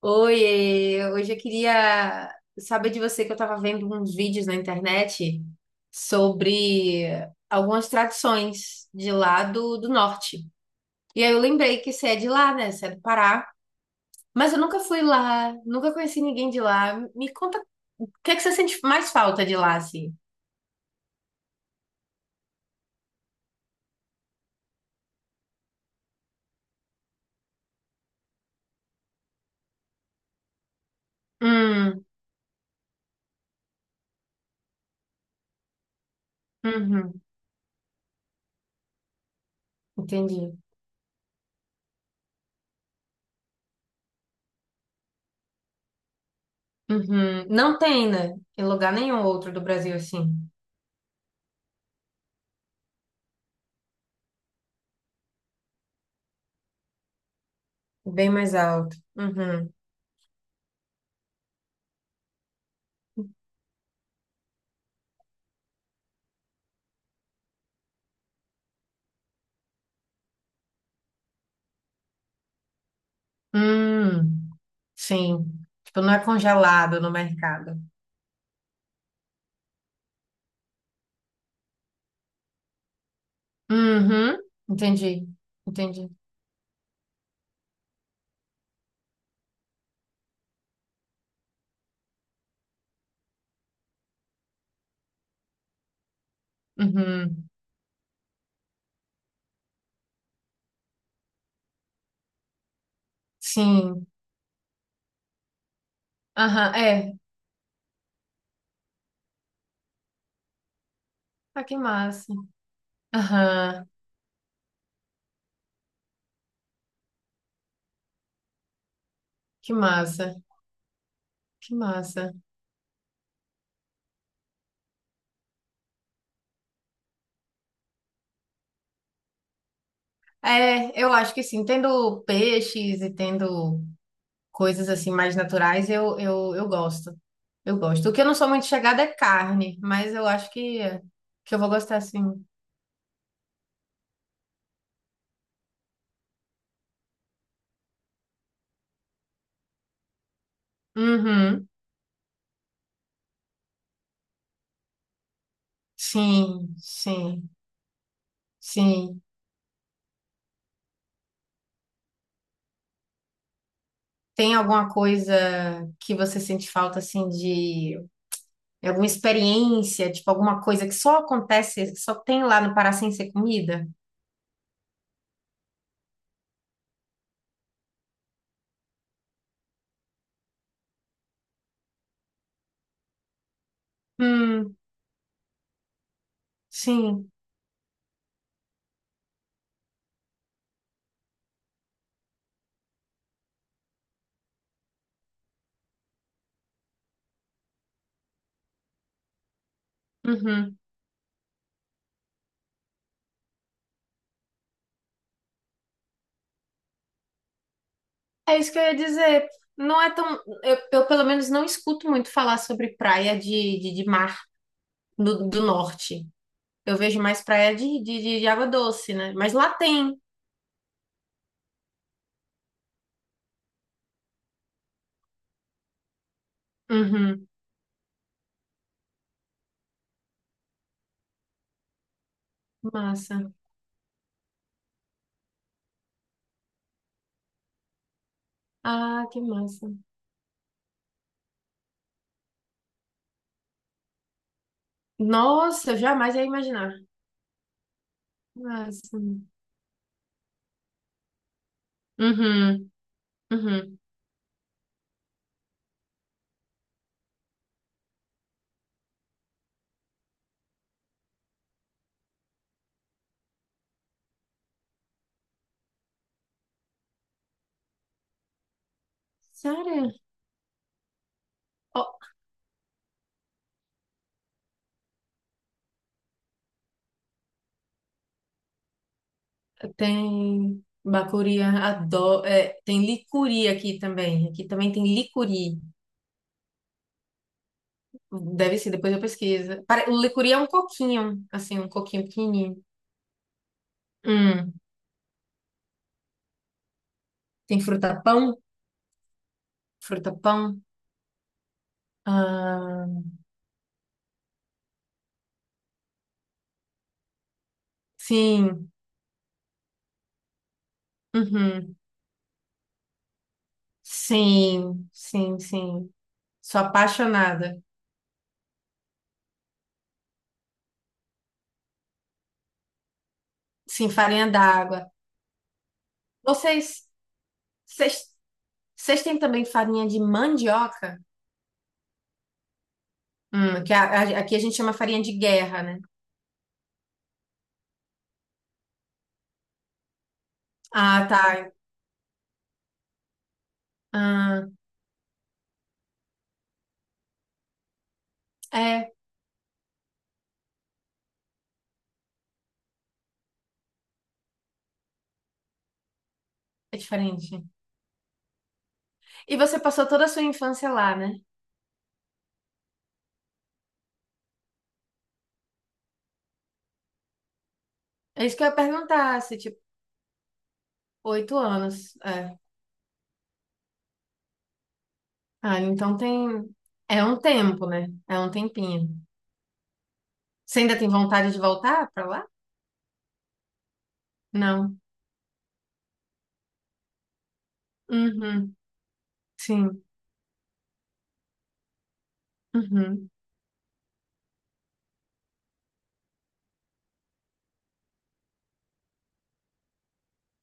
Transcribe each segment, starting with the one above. Oi, hoje eu queria saber de você que eu estava vendo uns vídeos na internet sobre algumas tradições de lá do norte. E aí eu lembrei que você é de lá, né? Você é do Pará. Mas eu nunca fui lá, nunca conheci ninguém de lá. Me conta, o que é que você sente mais falta de lá, assim? Hum, uhum, entendi. Uhum. Não tem, né? Em lugar nenhum outro do Brasil, assim. Bem mais alto. Uhum. Hum. Sim. Tipo, não é congelado no mercado. Uhum. Entendi. Entendi. Uhum. Sim. Aham, é. Ah, que massa. Aham, que massa. Que massa. É, eu acho que sim. Tendo peixes e tendo coisas assim mais naturais, eu gosto. Eu gosto. O que eu não sou muito chegada é carne, mas eu acho que eu vou gostar sim. Uhum. Sim, sim, sim. Tem alguma coisa que você sente falta, assim, de alguma experiência, tipo, alguma coisa que só acontece, que só tem lá no Pará sem ser comida? Hum, sim. Uhum. É isso que eu ia dizer. Não é tão. Eu, pelo menos, não escuto muito falar sobre praia de mar do norte. Eu vejo mais praia de água doce, né? Mas lá tem. Uhum. Massa. Ah, que massa. Nossa, eu jamais ia imaginar. Massa. Uhum. Uhum. Sério? Ó, tem bacuri adoro. É, tem Licuri aqui também. Aqui também tem Licuri. Deve ser, depois eu pesquiso. O Licuri é um coquinho, assim, um coquinho pequenininho. Hum, tem fruta-pão, fruta-pão. Ah, sim, uhum. Sim, sim, sim. Sou apaixonada. Sim, farinha d'água. Vocês, vocês, vocês têm também farinha de mandioca? Hum, que a- Aqui a gente chama farinha de guerra, né? Ah, tá. Ah, é, é diferente. E você passou toda a sua infância lá, né? É isso que eu ia perguntar, se tipo, 8 anos. É. Ah, então tem. É um tempo, né? É um tempinho. Você ainda tem vontade de voltar pra lá? Não. Uhum. Sim. Uhum.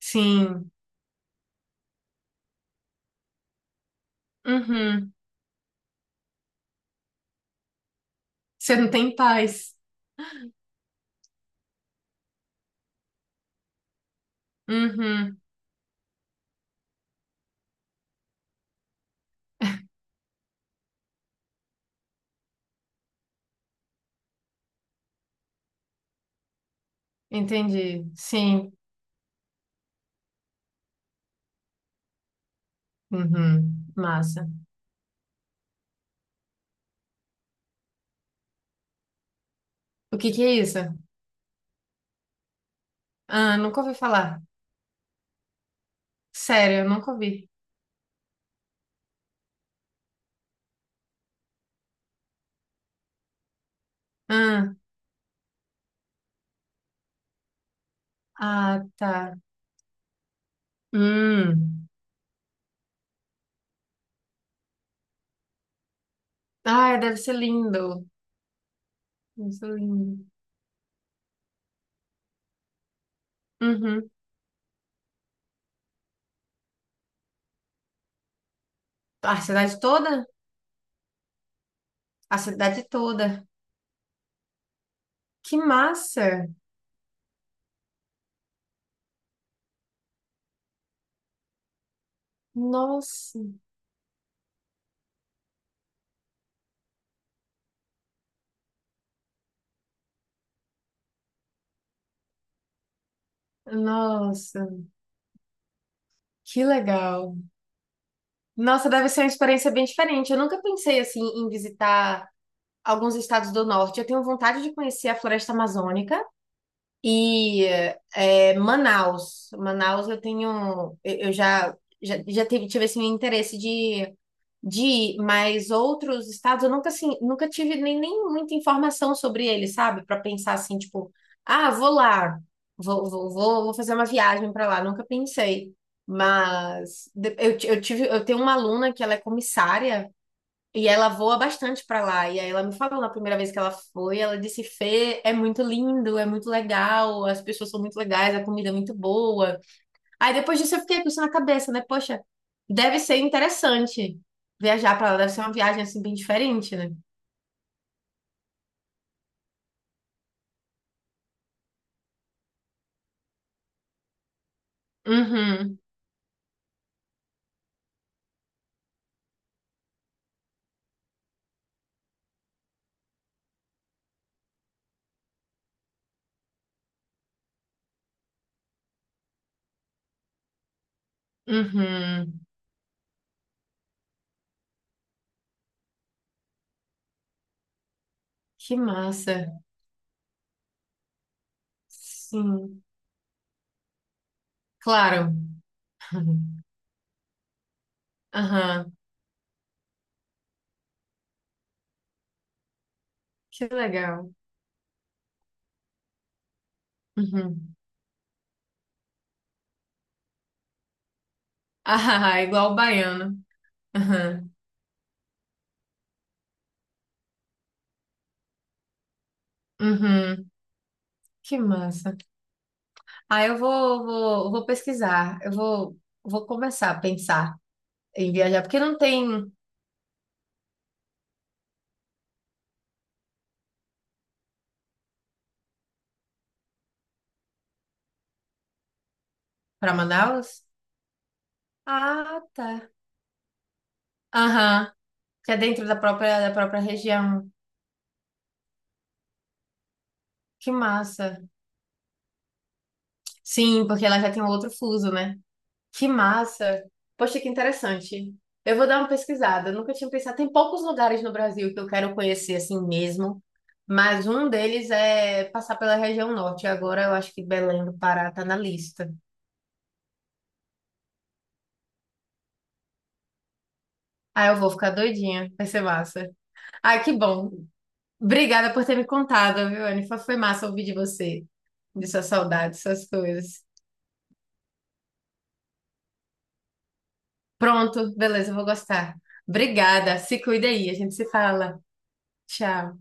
Sim. Uhum. Você não tem paz. Uhum. Entendi. Sim. Uhum. Massa. O que que é isso? Ah, nunca ouvi falar. Sério, eu nunca ouvi. Ah. Ah, tá. Hum. Ah, deve ser lindo. Deve ser lindo. Uhum. A cidade toda? A cidade toda. Que massa! Nossa, nossa, que legal. Nossa, deve ser uma experiência bem diferente. Eu nunca pensei assim em visitar alguns estados do norte. Eu tenho vontade de conhecer a Floresta Amazônica e Manaus. Manaus eu já tive assim, o interesse de ir, mas outros estados eu nunca assim, nunca tive nem muita informação sobre eles, sabe? Para pensar assim, tipo, ah, vou lá, vou fazer uma viagem para lá, nunca pensei. Mas de- eu, ti- eu tive, eu tenho uma aluna que ela é comissária e ela voa bastante para lá. E aí ela me falou na primeira vez que ela foi, ela disse, Fê, é muito lindo, é muito legal, as pessoas são muito legais, a comida é muito boa. Aí depois disso eu fiquei com isso na cabeça, né? Poxa, deve ser interessante viajar pra lá, deve ser uma viagem assim bem diferente, né? Uhum, uhum. Que massa. Sim, claro. Aham, que legal. Uhum. Ah, igual o baiano. Aham, uhum. Que massa. Ah, eu vou pesquisar. Eu vou começar a pensar em viajar, porque não tem para Manaus? Ah, tá. Aham. Que é dentro da própria região. Que massa. Sim, porque ela já tem um outro fuso, né? Que massa. Poxa, que interessante. Eu vou dar uma pesquisada. Eu nunca tinha pensado. Tem poucos lugares no Brasil que eu quero conhecer assim mesmo. Mas um deles é passar pela região norte. Agora eu acho que Belém do Pará tá na lista. Ah, eu vou ficar doidinha. Vai ser massa. Ah, que bom. Obrigada por ter me contado, viu, Anifa? Foi massa ouvir de você, de suas saudades suas coisas. Pronto, beleza, eu vou gostar. Obrigada, se cuida aí, a gente se fala. Tchau.